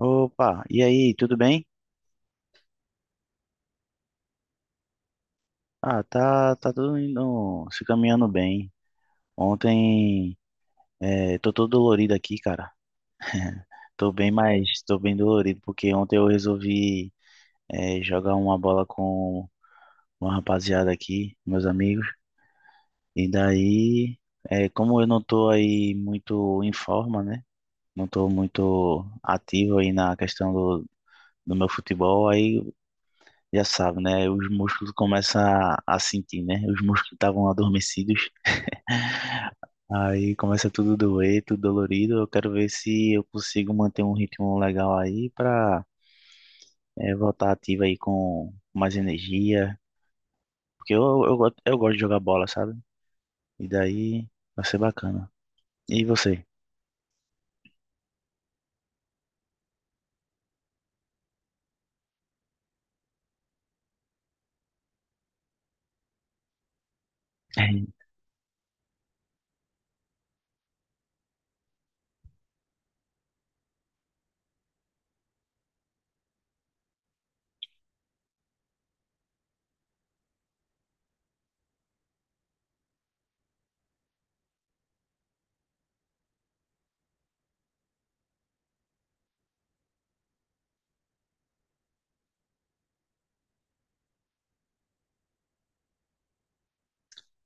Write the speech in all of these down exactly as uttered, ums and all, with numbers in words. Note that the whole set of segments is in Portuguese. Opa, e aí, tudo bem? Ah, tá, tá tudo indo, se caminhando bem. Ontem, é, Tô todo dolorido aqui, cara. Tô bem, mas tô bem dolorido porque ontem eu resolvi, é, jogar uma bola com uma rapaziada aqui, meus amigos. E daí, é, como eu não tô aí muito em forma, né? Não tô muito ativo aí na questão do, do meu futebol, aí já sabe, né? Os músculos começam a, a sentir, né? Os músculos estavam adormecidos. Aí começa tudo doer, tudo dolorido. Eu quero ver se eu consigo manter um ritmo legal aí pra eh, voltar ativo aí com mais energia. Porque eu, eu, go- eu gosto de jogar bola, sabe? E daí vai ser bacana. E você?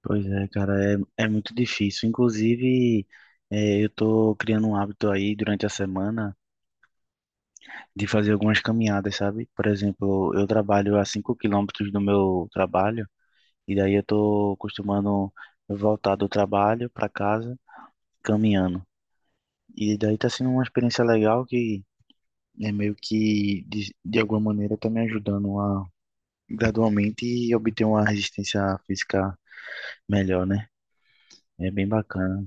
Pois é, cara, é, é muito difícil. Inclusive, eh, eu tô criando um hábito aí durante a semana de fazer algumas caminhadas, sabe? Por exemplo, eu trabalho a cinco quilômetros do meu trabalho. E daí eu tô costumando voltar do trabalho para casa caminhando. E daí tá sendo uma experiência legal que é meio que, de, de alguma maneira, tá me ajudando a gradualmente obter uma resistência física melhor, né? É bem bacana.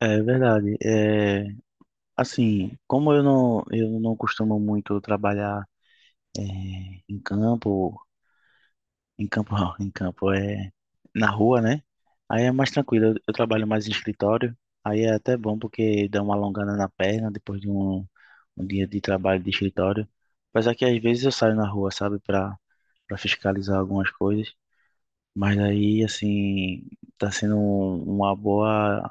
É verdade. É, assim, como eu não, eu não costumo muito trabalhar é, em campo. Em campo, não, em campo é na rua, né? Aí é mais tranquilo. Eu, eu trabalho mais em escritório. Aí é até bom porque dá uma alongada na perna depois de um, um dia de trabalho de escritório. Apesar que às vezes eu saio na rua, sabe, para para fiscalizar algumas coisas. Mas aí, assim, tá sendo um- uma boa,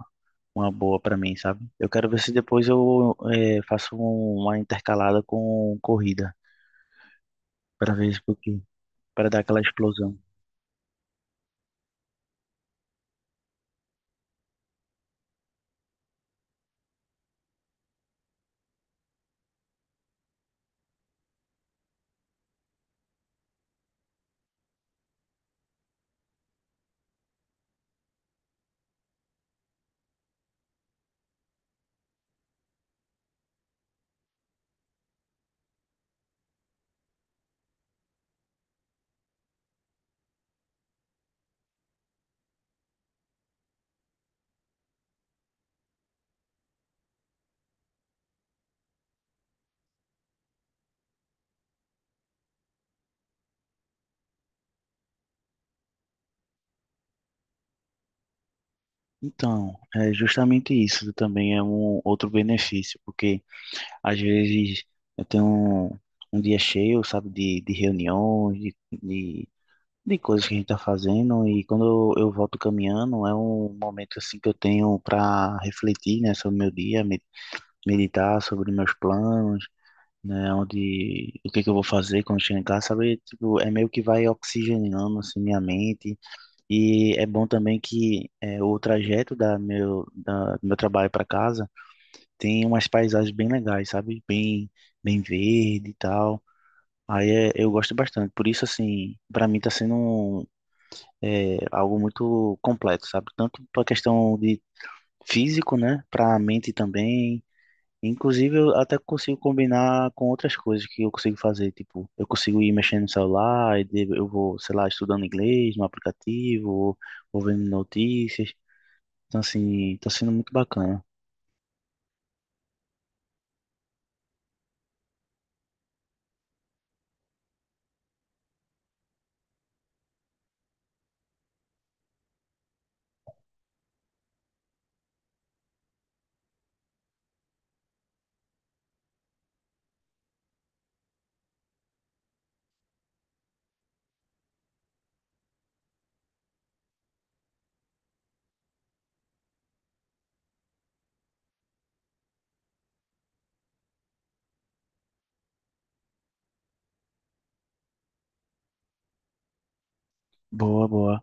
uma boa para mim, sabe? Eu quero ver se depois eu eh, faço um, uma intercalada com corrida para ver se porque para dar aquela explosão. Então, é justamente isso também é um outro benefício, porque às vezes eu tenho um, um dia cheio, sabe, de, de reuniões, de, de, de coisas que a gente está fazendo, e quando eu, eu volto caminhando, é um momento assim que eu tenho para refletir, né, sobre o meu dia, me- meditar sobre meus planos, né, onde, o que que eu vou fazer quando chegar em casa, sabe, tipo, é meio que vai oxigenando, assim, minha mente, e é bom também que é, o trajeto da meu, da, do meu trabalho para casa tem umas paisagens bem legais, sabe? Bem, bem verde e tal. Aí é, eu gosto bastante. Por isso, assim, para mim tá sendo um, é, algo muito completo, sabe? Tanto para questão de físico, né? Para a mente também. Inclusive, eu até consigo combinar com outras coisas que eu consigo fazer. Tipo, eu consigo ir mexendo no celular, e de- eu vou, sei lá, estudando inglês no aplicativo, ou ou vendo notícias. Então, assim, tá sendo muito bacana. Boa, boa.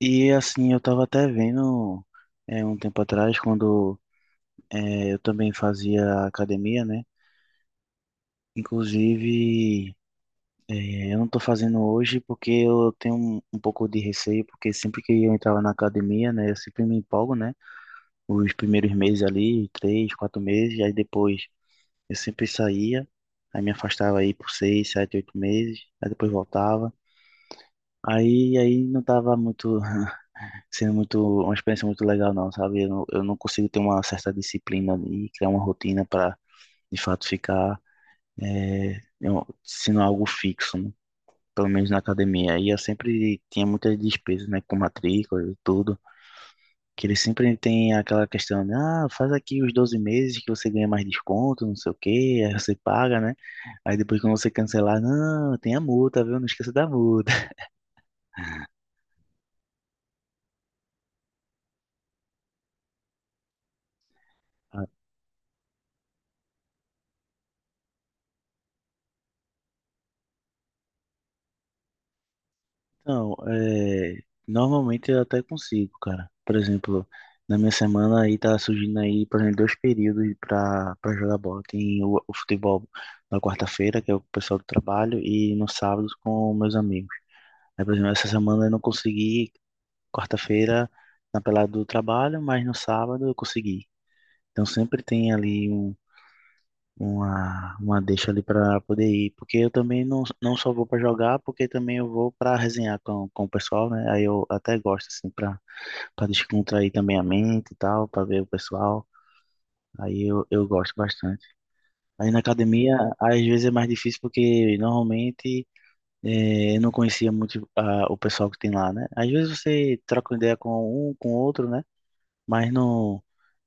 E, assim, eu tava até vendo é, um tempo atrás, quando é, eu também fazia academia, né? Inclusive, é, eu não tô fazendo hoje porque eu tenho um, um pouco de receio, porque sempre que eu entrava na academia, né, eu sempre me empolgo, né? Os primeiros meses ali, três, quatro meses, aí depois eu sempre saía, aí me afastava aí por seis, sete, oito meses, aí depois voltava. Aí, aí não tava muito sendo muito, uma experiência muito legal, não, sabe? Eu não, eu não consigo ter uma certa disciplina e criar uma rotina para, de fato, ficar é, eu- sendo algo fixo, né? Pelo menos na academia. E eu sempre tinha muitas despesas, né? Com matrícula e tudo. Que eles sempre têm aquela questão de, ah, faz aqui os doze meses que você ganha mais desconto, não sei o quê, aí você paga, né? Aí depois quando você cancelar, não, tem a multa, viu? Não esqueça da multa. Então, é, normalmente eu até consigo, cara. Por exemplo, na minha semana aí tá surgindo aí, por exemplo, dois períodos pra para jogar bola. Tem o, o futebol na quarta-feira, que é o pessoal do trabalho, e no sábado com meus amigos. Aí, por exemplo, essa semana eu não consegui, quarta-feira na pelada do trabalho, mas no sábado eu consegui. Então sempre tem ali um uma, uma deixa ali para poder ir, porque eu também não, não só vou para jogar, porque também eu vou para resenhar com, com o pessoal, né? Aí eu até gosto assim para para descontrair também a mente e tal, para ver o pessoal. Aí eu, eu gosto bastante. Aí na academia, às vezes é mais difícil porque normalmente eh, eu não conhecia muito ah, o pessoal que tem lá, né? Às vezes você troca uma ideia com um, com outro, né? Mas não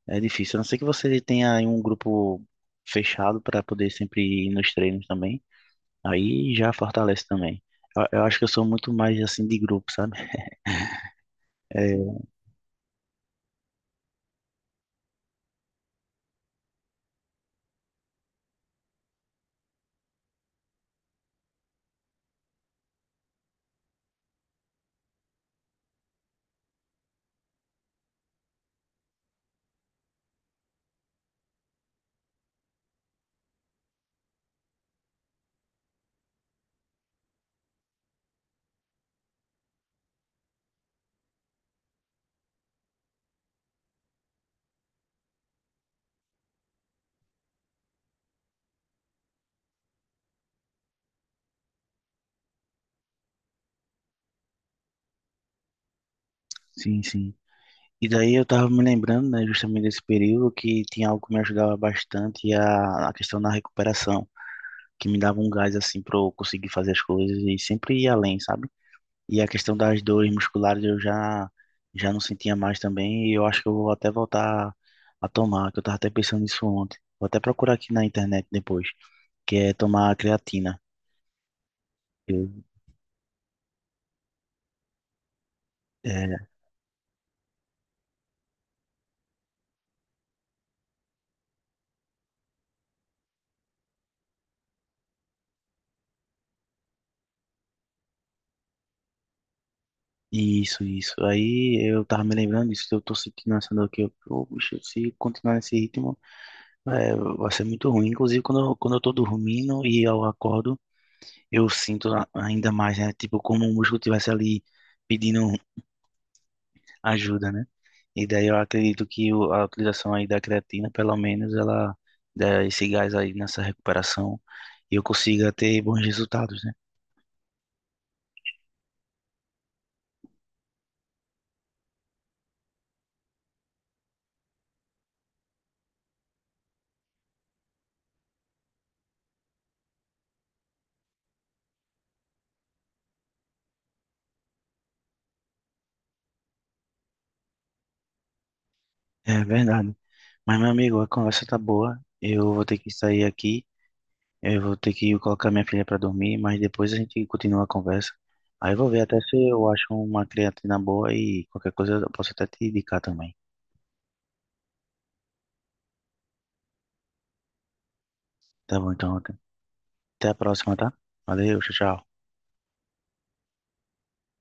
é difícil. A não ser que você tenha aí um grupo fechado para poder sempre ir nos treinos também. Aí já fortalece também. Eu, eu acho que eu sou muito mais assim de grupo, sabe? É, sim, sim. E daí eu tava me lembrando, né, justamente desse período que tinha algo que me ajudava bastante a, a questão da recuperação, que me dava um gás assim para eu conseguir fazer as coisas e sempre ir além, sabe? E a questão das dores musculares eu já já não sentia mais também e eu acho que eu vou até voltar a tomar, que eu tava até pensando nisso ontem. Vou até procurar aqui na internet depois, que é tomar creatina. Eu, é, Isso, isso. Aí eu tava me lembrando disso, que eu tô sentindo essa dor aqui. Eu, pô, bicho, se continuar nesse ritmo, é, vai ser muito ruim. Inclusive, quando eu, quando eu tô dormindo e eu acordo, eu sinto a- ainda mais, né? Tipo, como o músculo tivesse ali pedindo ajuda, né? E daí eu acredito que o- a utilização aí da creatina, pelo menos, ela dá esse gás aí nessa recuperação e eu consiga ter bons resultados, né? É verdade. Mas, meu amigo, a conversa tá boa. Eu vou ter que sair aqui. Eu vou ter que colocar minha filha para dormir, mas depois a gente continua a conversa. Aí eu vou ver até se eu acho uma creatina boa e qualquer coisa eu posso até te indicar também. Tá bom, então até a próxima, tá? Valeu, tchau, tchau.